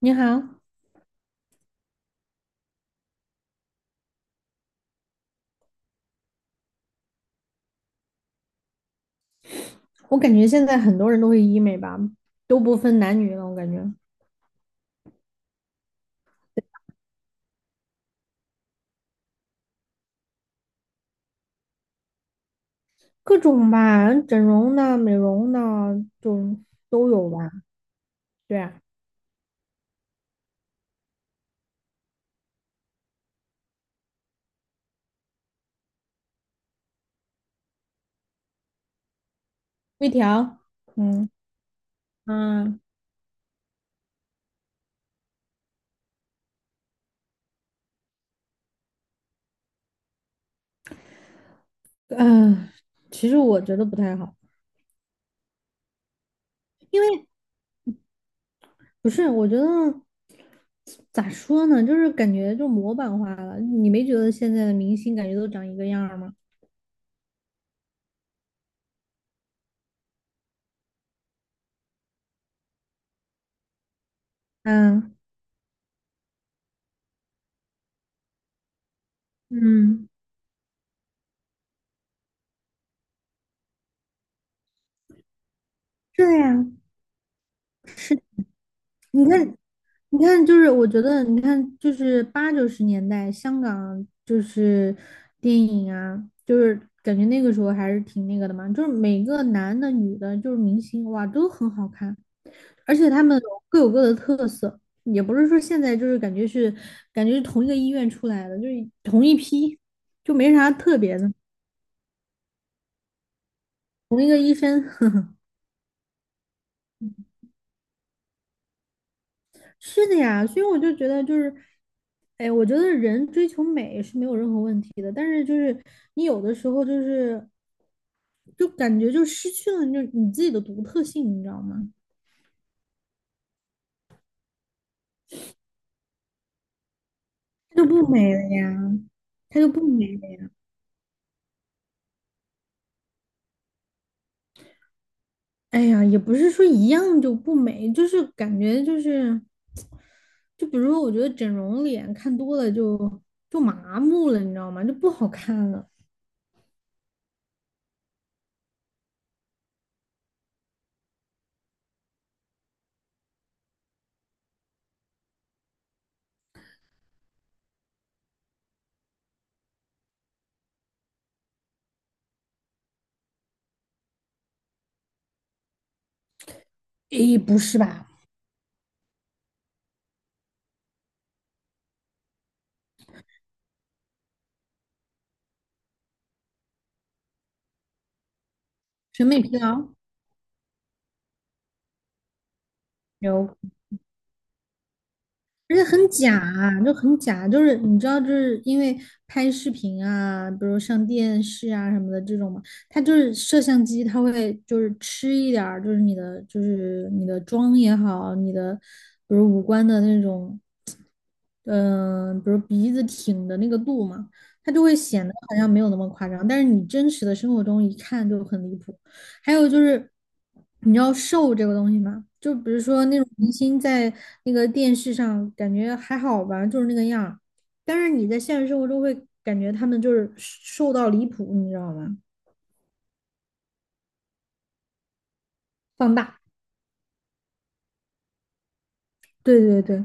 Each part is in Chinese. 你好，我感觉现在很多人都会医美吧，都不分男女了，我感觉各种吧，整容的、美容的就都有吧。对啊，微调，嗯嗯嗯，呃其实我觉得不太好，因为不是，我觉得咋说呢，就是感觉就模板化了。你没觉得现在的明星感觉都长一个样儿吗？嗯嗯，对呀，是，你看。你看，就是我觉得，你看，就是八九十年代香港就是电影啊，就是感觉那个时候还是挺那个的嘛，就是每个男的、女的，就是明星，哇，都很好看，而且他们各有各的特色，也不是说现在就是感觉是同一个医院出来的，就没啥特别的，同一个医生，呵呵，是的呀，所以我就觉得哎，我觉得人追求美是没有任何问题的，但是你有的时候就感觉就失去了你自己的独特性，你知道吗？它就不美了呀，它就不美了呀。哎呀，也不是说一样就不美，就是感觉就是，就比如说，我觉得整容脸看多了就麻木了，你知道吗？就不好看了。诶，不是吧？审美疲劳有，而且很假啊，就很假，就是你知道，就是因为拍视频啊，比如上电视啊什么的这种嘛，它就是摄像机，它会就是吃一点儿，就是你的妆也好，你的比如五官的那种，比如鼻子挺的那个度嘛，它就会显得好像没有那么夸张，但是你真实的生活中一看就很离谱。还有就是，你知道瘦这个东西吗？就比如说那种明星在那个电视上感觉还好吧，就是那个样儿，但是你在现实生活中会感觉他们就是瘦到离谱，你知道吗？放大。对对对，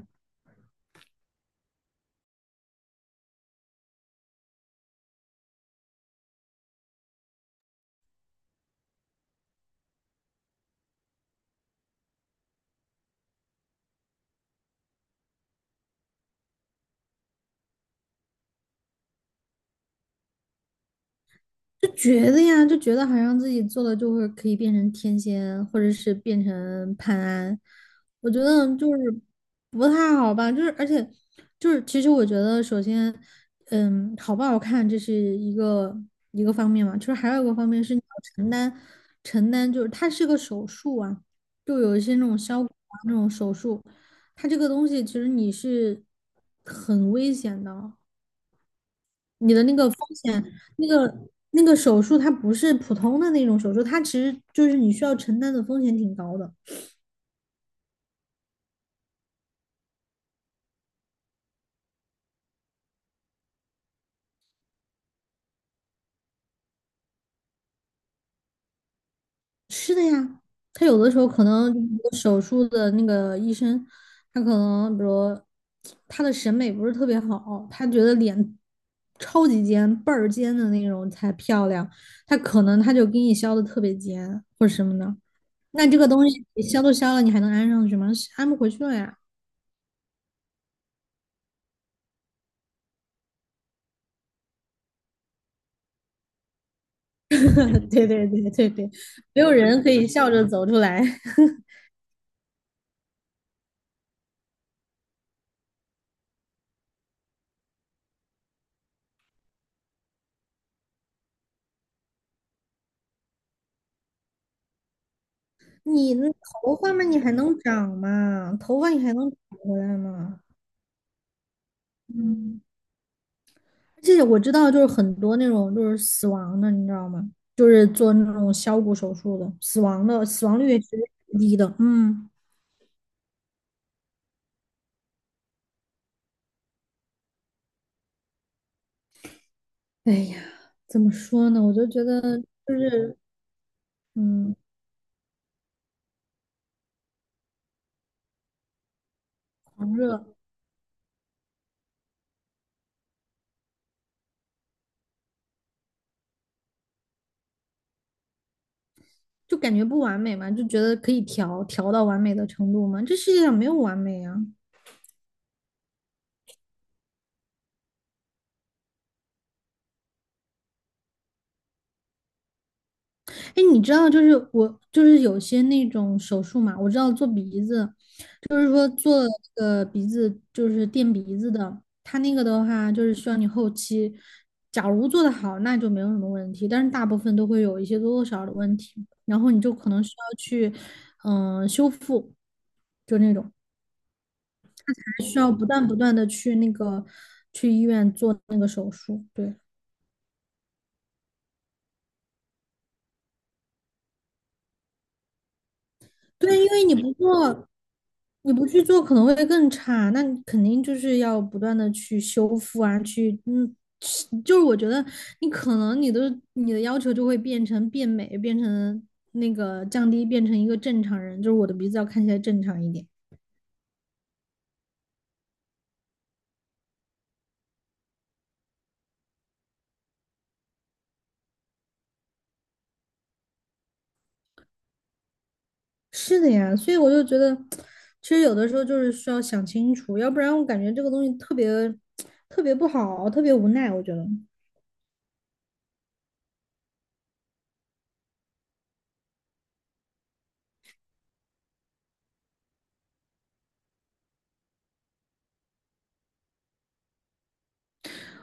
就觉得呀，就觉得好像自己做了就会可以变成天仙，或者是变成潘安，我觉得就是不太好吧。就是而且其实我觉得首先，好不好看这是一个一个方面嘛，就是还有一个方面是你要承担承担，就是它是个手术啊，就有一些那种消骨啊那种手术，它这个东西其实你是很危险的，你的那个风险，那个手术它不是普通的那种手术，它其实就是你需要承担的风险挺高的。是的呀，他有的时候可能那个手术的那个医生，他可能比如他的审美不是特别好，他觉得脸超级尖、倍儿尖的那种才漂亮，他可能他就给你削的特别尖或者什么的。那这个东西你削都削了，你还能安上去吗？安不回去了呀。对对对对对，没有人可以笑着走出来。你那头发嘛，你还能长嘛？头发你还能长回来吗？嗯，而且我知道，就是很多那种就是死亡的，你知道吗？就是做那种削骨手术的，死亡的死亡率也是低的。嗯，哎呀，怎么说呢？我就觉得就是嗯，狂热，就感觉不完美嘛，就觉得可以调调到完美的程度嘛。这世界上没有完美啊。哎，你知道，就是我，就是有些那种手术嘛，我知道做鼻子，就是说做那就是垫鼻子的，它那个的话，就是需要你后期，假如做得好，那就没有什么问题，但是大部分都会有一些多多少少的问题，然后你就可能需要去，修复，就那种，需要不断不断的去那个，去医院做那个手术，对。对，因为你不做，你不去做可能会更差，那你肯定就是要不断的去修复啊，是我觉得你可能你的要求就会变成变美，变成那个降低，变成一个正常人，就是我的鼻子要看起来正常一点。是的呀，所以我就觉得，其实有的时候就是需要想清楚，要不然我感觉这个东西特别特别不好，特别无奈，我觉得。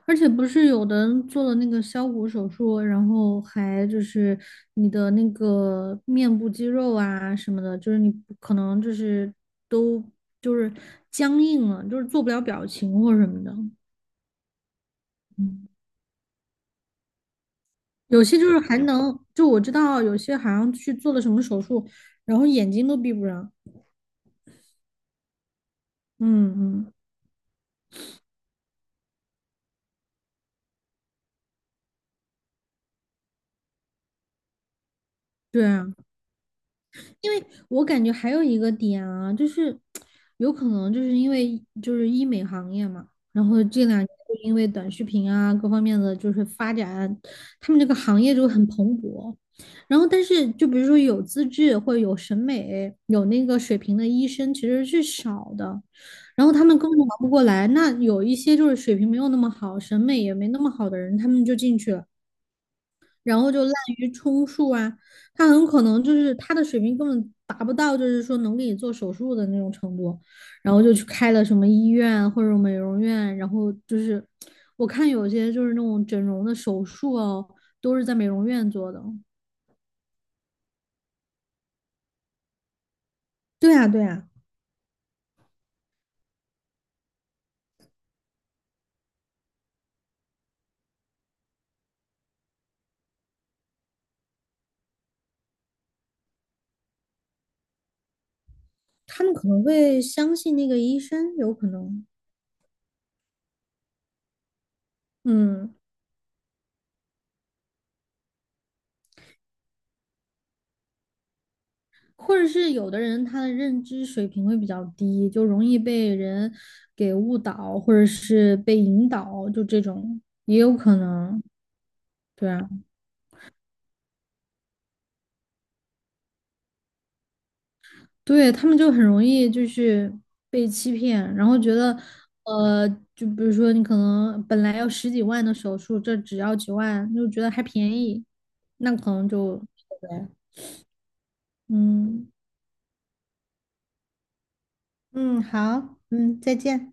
而且不是有的人做了那个削骨手术，然后还就是你的那个面部肌肉啊什么的，就是你可能就是都就是僵硬了，就是做不了表情或什么的。嗯，有些就是还能，就我知道有些好像去做了什么手术，然后眼睛都闭不上。嗯嗯，对啊。因为我感觉还有一个点啊，就是有可能就是因为就是医美行业嘛，然后这两年就因为短视频啊各方面的就是发展，他们这个行业就很蓬勃。然后，但是就比如说有资质或者有审美、有那个水平的医生其实是少的，然后他们根本忙不过来。那有一些就是水平没有那么好、审美也没那么好的人，他们就进去了。然后就滥竽充数啊，他很可能就是他的水平根本达不到，就是说能给你做手术的那种程度，然后就去开了什么医院或者美容院，然后就是我看有些就是那种整容的手术哦，都是在美容院做的。对啊，对啊，他们可能会相信那个医生，有可能，嗯。或者是有的人他的认知水平会比较低，就容易被人给误导，或者是被引导，就这种也有可能。对啊，对，他们就很容易就是被欺骗，然后觉得，呃，就比如说你可能本来要十几万的手术，这只要几万，就觉得还便宜，那可能就，对，嗯嗯，好，嗯，再见。